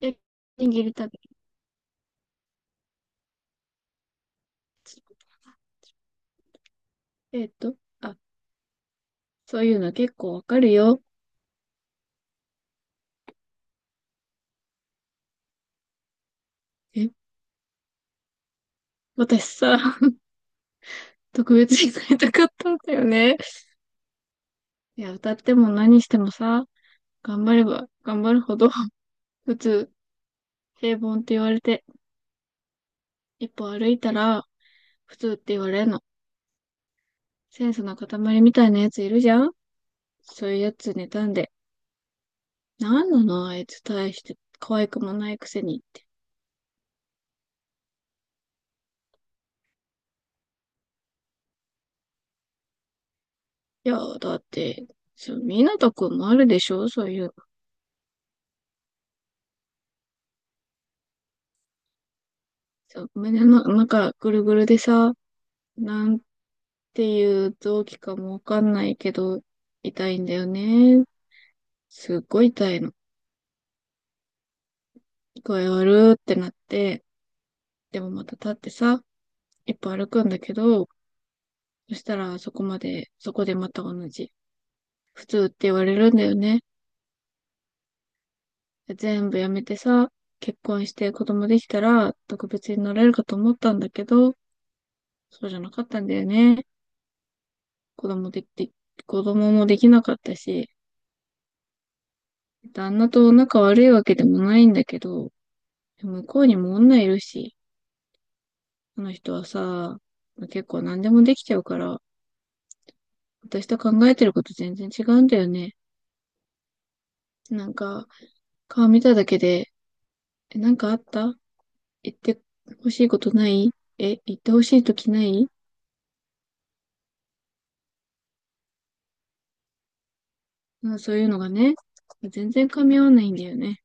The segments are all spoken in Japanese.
え、握りたび。えっと、あ、そういうの結構わかるよ。え、私さ、特別になりたかったんだよね。いや、歌っても何してもさ、頑張れば頑張るほど、普通、平凡って言われて、一歩歩いたら、普通って言われるの。センスの塊みたいなやついるじゃん。そういうやつ妬んで、なんなのあいつ大して可愛くもないくせにって。いや、だって、そう、みなとくんもあるでしょ、そういうの。そう、胸の中ぐるぐるでさ、なんていう臓器かもわかんないけど、痛いんだよね。すっごい痛いの。具合悪ってなって、でもまた立ってさ、一歩歩くんだけど、そしたらそこまで、そこでまた同じ。普通って言われるんだよね。全部やめてさ、結婚して子供できたら特別になれるかと思ったんだけど、そうじゃなかったんだよね。子供できて、子供もできなかったし、旦那と仲悪いわけでもないんだけど、でも向こうにも女いるし、あの人はさ、結構何でもできちゃうから、私と考えてること全然違うんだよね。なんか、顔見ただけで、え、なんかあった、言ってほしいことない、え、言ってほしいときない？うん、そういうのがね、全然噛み合わないんだよね。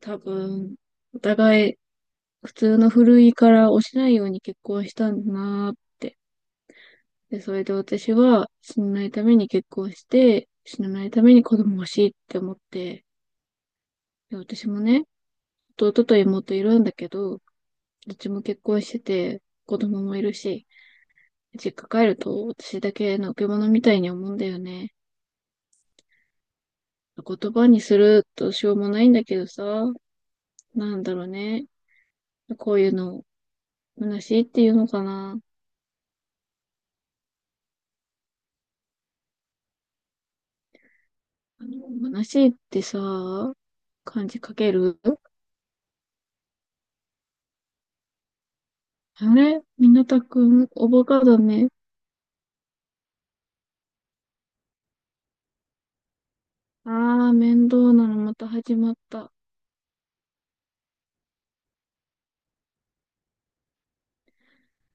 多分、お互い普通の古いから落ちないように結婚したんだなーって。で、それで私は死なないために結婚して、死なないために子供欲しいって思って、で、私もね、弟と妹いるんだけど、どっちも結婚してて、子供もいるし、実家帰ると私だけのけ者みたいに思うんだよね。言葉にするとしょうもないんだけどさ、なんだろうね。こういうの、虚しいっていうのかな。虚しいってさ、漢字書ける？あれ、みなたくん、おバカだね。ああ、面倒なのまた始まった。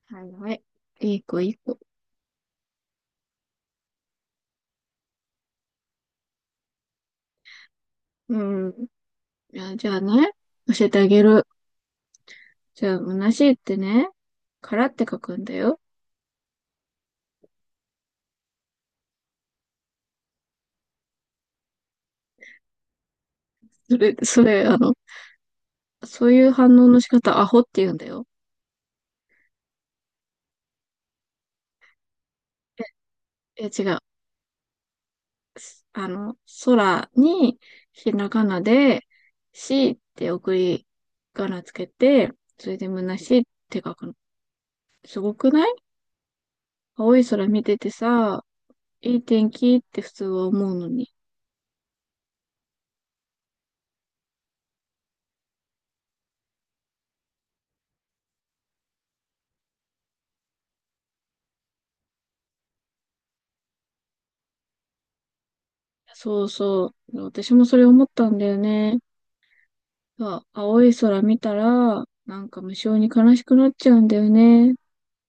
はいはい。いい子いい子。うん。いや、じゃあね、教えてあげる。じゃあ、虚しいってね、からって書くんだよ。それ、そういう反応の仕方、アホって言うんだよ。え、違う。あの、空に、ひらがなで、しって送り仮名つけて、それで虚しいって書くの。すごくない？青い空見ててさ、いい天気って普通は思うのに。そうそう。私もそれ思ったんだよね。さ、青い空見たら、なんか無性に悲しくなっちゃうんだよね。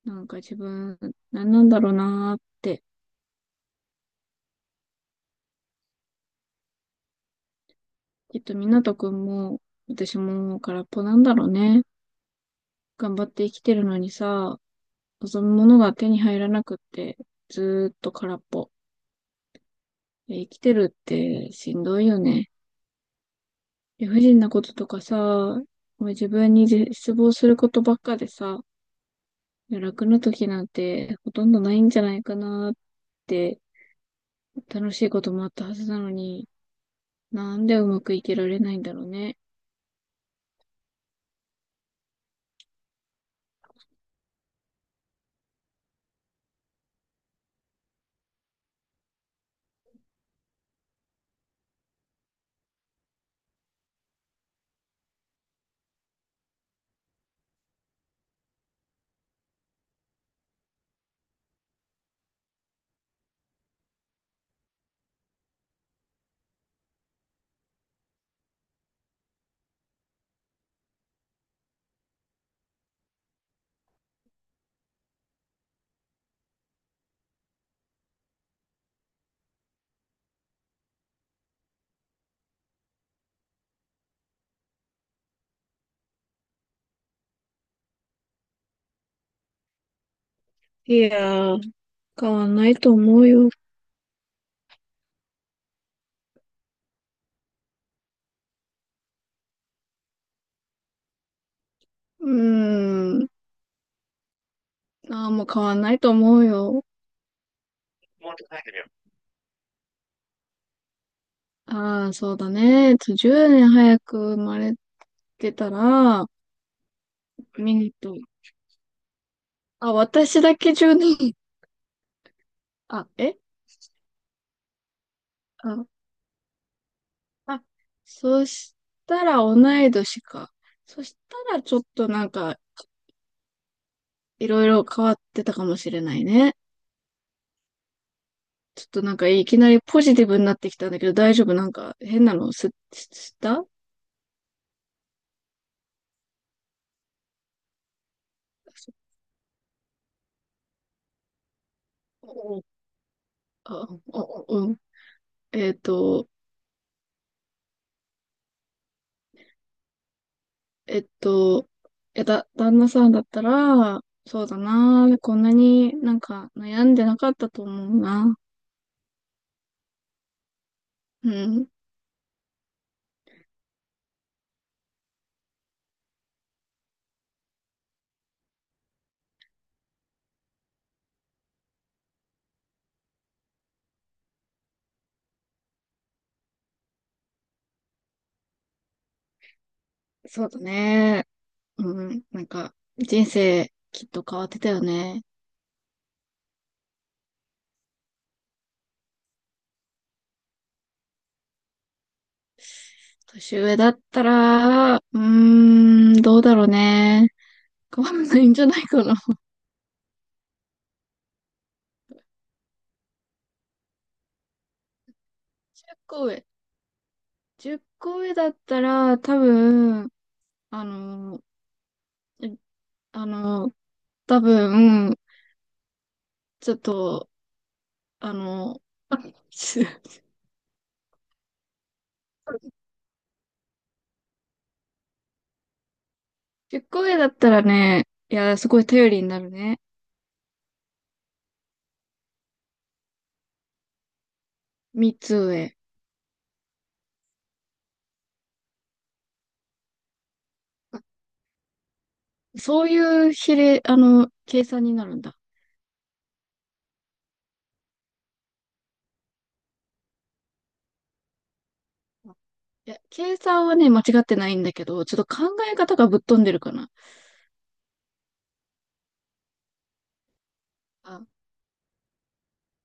なんか自分、何なんだろうなーって。きっと湊くんも、私も空っぽなんだろうね。頑張って生きてるのにさ、望むものが手に入らなくって、ずーっと空っぽ。え、生きてるってしんどいよね。理不尽なこととかさ、もう自分に絶望することばっかでさ、いや、楽な時なんてほとんどないんじゃないかなーって、楽しいこともあったはずなのに、なんでうまくいけられないんだろうね。いやー、変わんないと思うよ。うーん。ああ、もう変わんないと思うよ。ああ、そうだね。10年早く生まれてたら、ミニと。あ、私だけ10年。あ、えあ、あ、そしたら同い年か。そしたらちょっとなんか、いろいろ変わってたかもしれないね。ちょっとなんかいきなりポジティブになってきたんだけど大丈夫？なんか変なの、す、しした、うあ、お、おうん。えっと、えっと、いやだ、旦那さんだったら、そうだな、こんなになんか悩んでなかったと思うな。うん、そうだね。うん、なんか人生きっと変わってたよね。年上だったら、うーん、どうだろうね。変わらないんじゃないかな。10上。10個上だったら、多分、あの、えあの、多分、ちょっと、あの、す 10個上だったらね、いや、すごい頼りになるね。3つ上。そういう比例、計算になるんだ。いや、計算はね、間違ってないんだけど、ちょっと考え方がぶっ飛んでるかな。あ、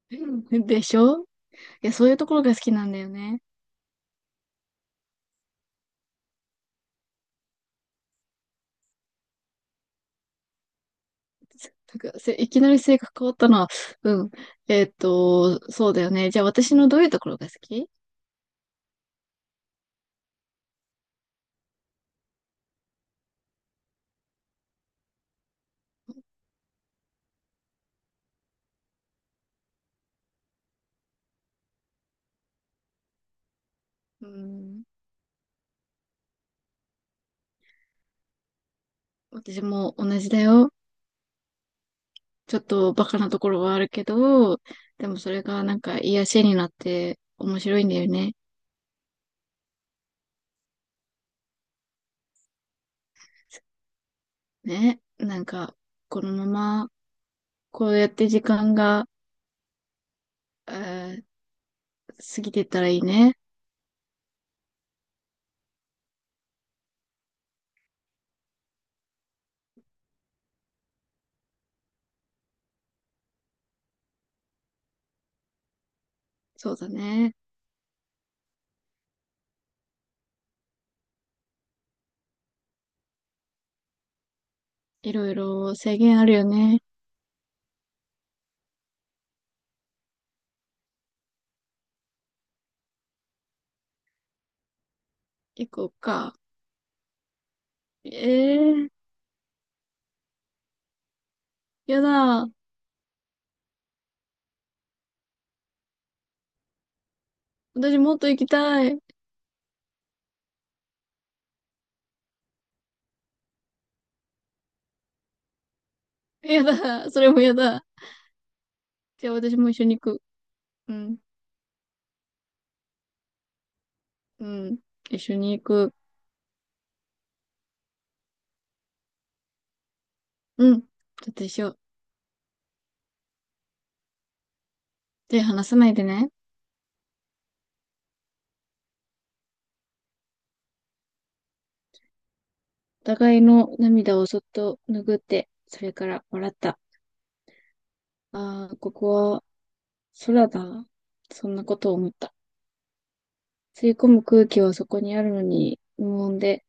でしょ。いや、そういうところが好きなんだよね。なんかせ、いきなり性格変わったな。うん。そうだよね。じゃあ私のどういうところが好き？うん。私も同じだよ。ちょっとバカなところはあるけど、でもそれがなんか癒しになって面白いんだよね。ね。なんか、このままこうやって時間が、えー過ぎてったらいいね。そうだね。いろいろ制限あるよね。行こうか。ええー、やだ。私もっと行きたい。やだ。それもやだ。じゃあ私も一緒に行く。うん。うん。一緒に行く。うん。ちょっと一緒。手離さないでね。お互いの涙をそっと拭って、それから笑った。ああ、ここは空だ。そんなことを思った。吸い込む空気はそこにあるのに、無音で、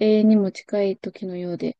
永遠にも近い時のようで、